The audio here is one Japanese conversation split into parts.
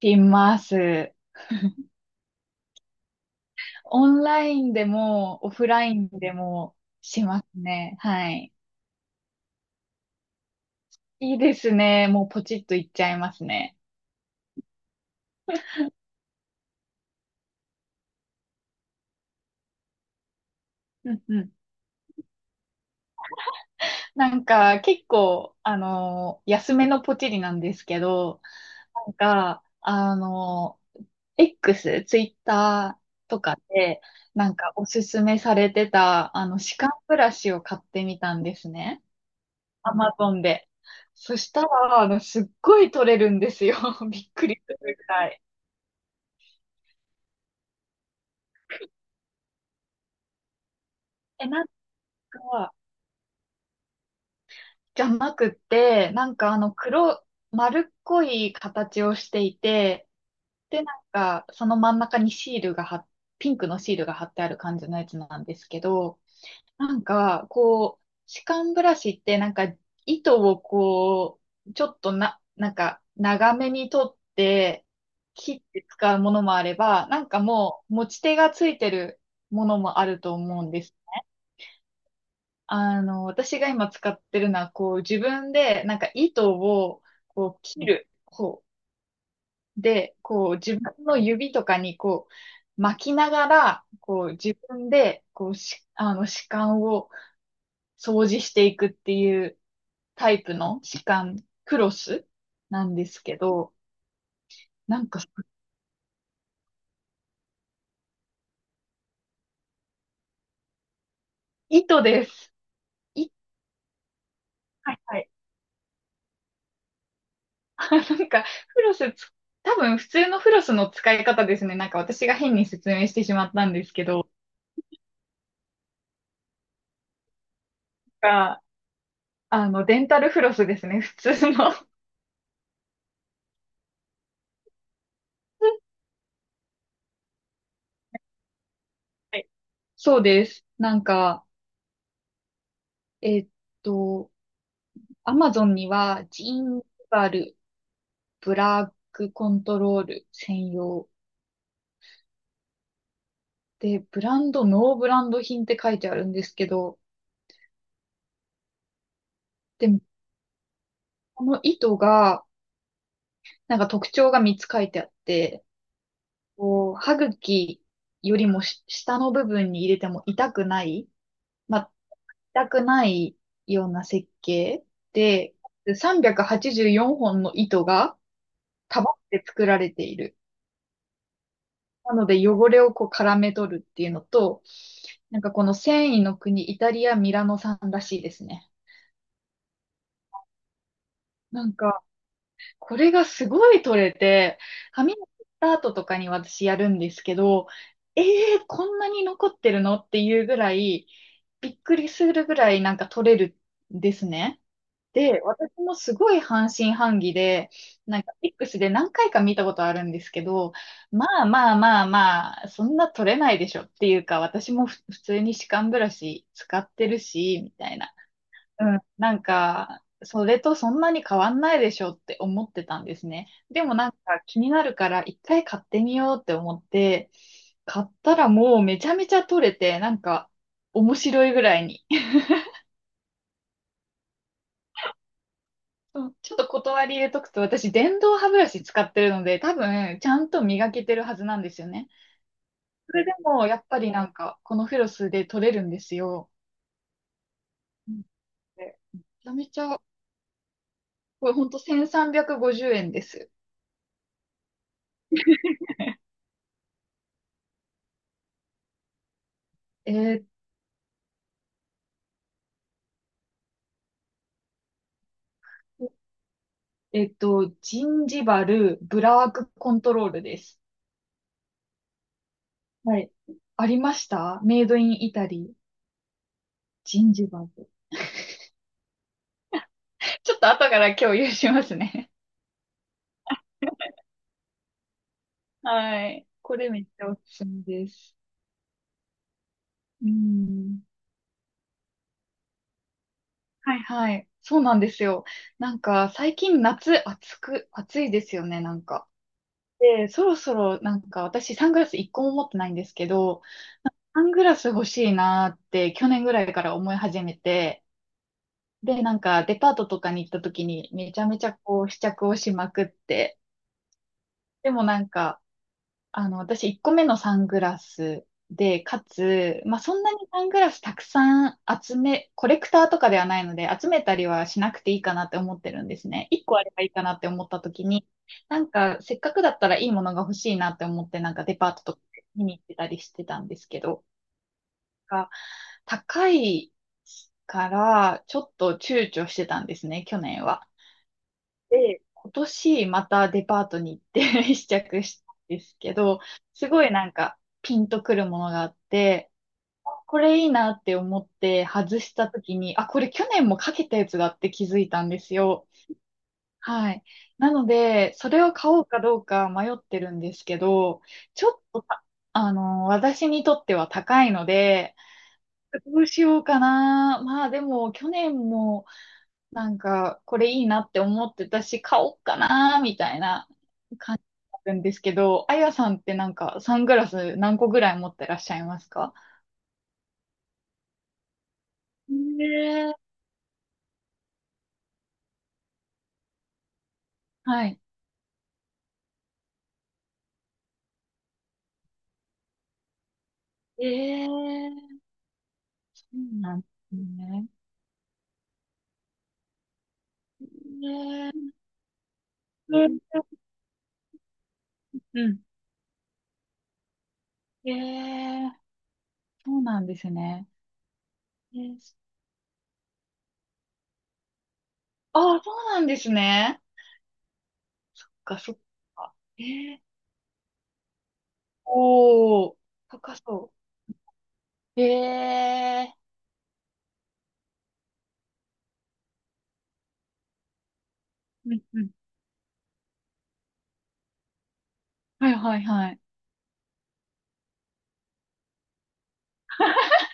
します。オンラインでも、オフラインでもしますね。はい。いいですね。もうポチッといっちゃいますね。うんうん。なんか、結構、安めのポチリなんですけど、なんか、X、ツイッターとかで、なんかおすすめされてた、あの、歯間ブラシを買ってみたんですね。アマゾンで。そしたら、あの、すっごい取れるんですよ。びっくりするくらい。え、か、じゃなくて、なんかあの黒、丸っこい形をしていて、で、なんか、その真ん中にシールが貼っ、ピンクのシールが貼ってある感じのやつなんですけど、なんか、こう、歯間ブラシってなんか、糸をこう、ちょっとなんか、長めに取って、切って使うものもあれば、なんかもう、持ち手がついてるものもあると思うんです。あの、私が今使ってるのは、こう、自分で、なんか糸を、こう、切る方で、こう、自分の指とかに、こう、巻きながら、こう、自分で、あの、歯間を掃除していくっていうタイプの歯間クロスなんですけど、なんか、糸です。いはいはい。なんか、フロスつ、多分普通のフロスの使い方ですね。なんか私が変に説明してしまったんですけど、あの、デンタルフロスですね、普通の。はい、そうです。なんか、えーっと、アマゾンには、ジーンバルブラックコントロール専用で、ブランド、ノーブランド品って書いてあるんですけど、でも、この糸が、なんか特徴が3つ書いてあって、こう、歯茎より下の部分に入れても痛くない、まあ、痛くないような設計で、384本の糸が、かばって作られている。なので汚れをこう絡め取るっていうのと、なんかこの繊維の国、イタリア・ミラノ産らしいですね。なんか、これがすごい取れて、髪の切った後とかに私やるんですけど、ええー、こんなに残ってるのっていうぐらい、びっくりするぐらいなんか取れるんですね。で、私もすごい半信半疑で、なんか X で何回か見たことあるんですけど、まあまあまあまあ、そんな取れないでしょっていうか、私も普通に歯間ブラシ使ってるし、みたいな。うん。なんか、それとそんなに変わんないでしょって思ってたんですね。でもなんか気になるから一回買ってみようって思って、買ったらもうめちゃめちゃ取れて、なんか面白いぐらいに。そうちょっと断り入れとくと、私、電動歯ブラシ使ってるので、多分、ちゃんと磨けてるはずなんですよね。それでも、やっぱりなんか、このフロスで取れるんですよ。うん、でめちゃめちゃ、これほんと1350円です。えーっと、ジンジバルブラワークコントロールです。はい。ありました、メイドインイタリー、ジンジバル。ちょっと後から共有しますね。はい。これめっちゃおすすめです。うん。はいはい。そうなんですよ。なんか最近夏暑く、暑いですよね、なんか。で、そろそろなんか私サングラス一個も持ってないんですけど、サングラス欲しいなーって去年ぐらいから思い始めて、で、なんかデパートとかに行った時にめちゃめちゃこう試着をしまくって、でもなんかあの、私1個目のサングラスで、かつ、まあ、そんなにサングラスたくさん集め、コレクターとかではないので、集めたりはしなくていいかなって思ってるんですね。1個あればいいかなって思った時に、なんか、せっかくだったらいいものが欲しいなって思って、なんかデパートとか見に行ってたりしてたんですけど、が高いから、ちょっと躊躇してたんですね、去年は。で、今年またデパートに行って 試着したんですけど、すごいなんかピンとくるものがあって、これいいなって思って外した時に、あ、これ去年もかけたやつだって気づいたんですよ。はい。なので、それを買おうかどうか迷ってるんですけど、ちょっとた、あの、私にとっては高いので、どうしようかな。まあでも、去年も、なんか、これいいなって思ってたし、買おうかなーみたいな感じなんですけど、あやさんってなんか、サングラス何個ぐらい持ってらっしゃいますか？ねえ、はい。え、ええ、そうなんですね。ねえ、うん。うん。え、ええ、そうなんですね。ええ、ああ、そうなんですね。そっか、そっか。ええ、おお、高そう。ええ、うんうん。はいはいはい。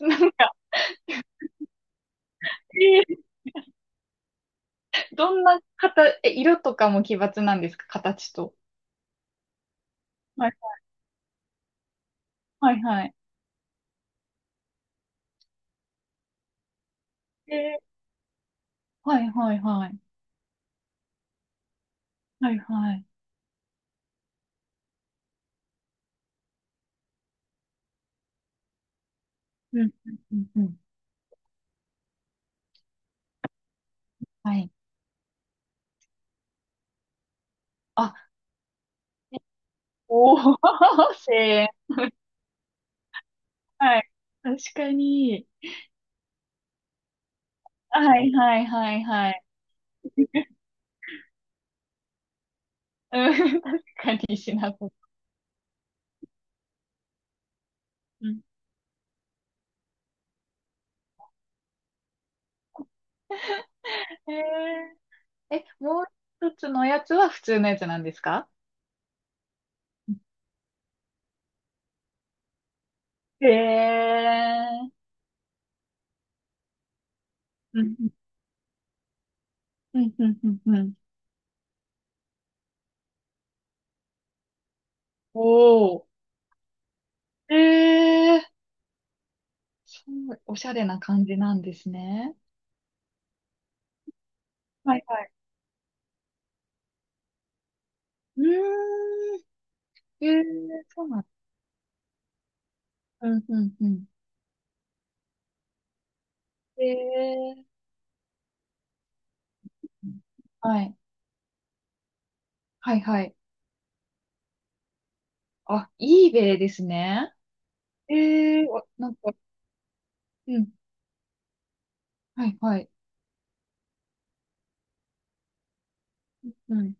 なんか、ええ、どんな方、え、色とかも奇抜なんですか、形と？はい、はいはい。えー、はいはいはい。はいはい。うん、うん、うんうん。はい。あ、え、おー、声援。はい。確かに。はいはいはいはい。うん、確かにしなそう。うん。えー、え、もう一つのやつは普通のやつなんですか？へえー。うん、うん、うん、うん、うんうん。おー。えー、そう、おしゃれな感じなんですね。はいはい。うーん。えー、そうなん。うん、うん、うん。えー、はい。はい、はい。あ、eBay ですね。えー、わ、なんか、うん。はい、はい。うん。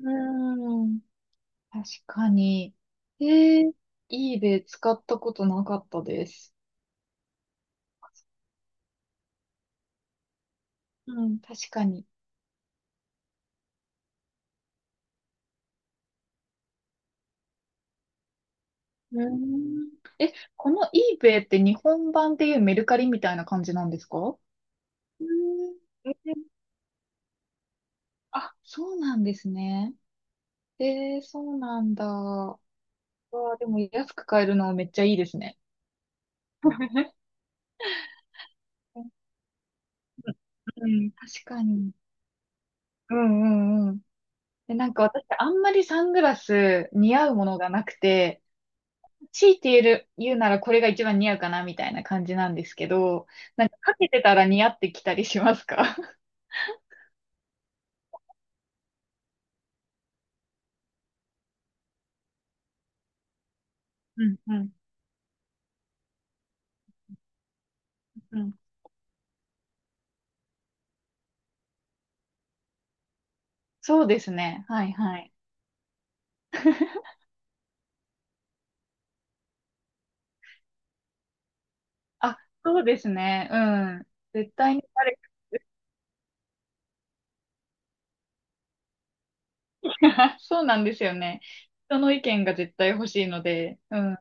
うーん。確かに。えー、eBay 使ったことなかったです。うん、確かに。うーん。え、この eBay って日本版でいうメルカリみたいな感じなんですか？ー、うーん。あ、そうなんですね。えー、そうなんだ。わあ、でも安く買えるのめっちゃいいですね。うん、確かに。うんうんうん。で、なんか私、あんまりサングラス似合うものがなくて、強いて言える、言うならこれが一番似合うかなみたいな感じなんですけど、なんかかけてたら似合ってきたりしますか？ うんうんうん。そうですね。はいはい。あ、そうですね。うん。絶対に。 そうなんですよね。人の意見が絶対欲しいので、うん、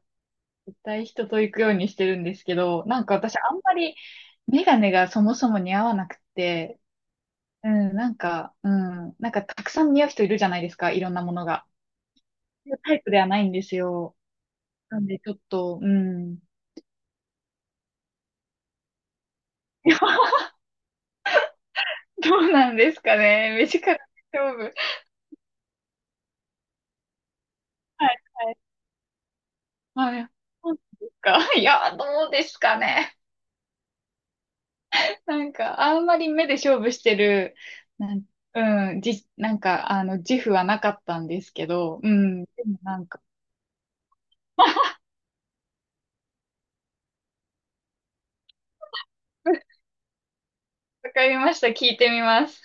絶対人と行くようにしてるんですけど、なんか私あんまりメガネがそもそも似合わなくて、なんかたくさん似合う人いるじゃないですか、いろんなものが。タイプではないんですよ。なんでちょっと、うん。どうなんですかね。目力勝負。はい、はい。はい。そうですか。いや、どうですかね。なんか、あんまり目で勝負してる、なん、うん、じ、なんか、あの、自負はなかったんですけど、うん、でもなんか、わかりました。聞いてみます。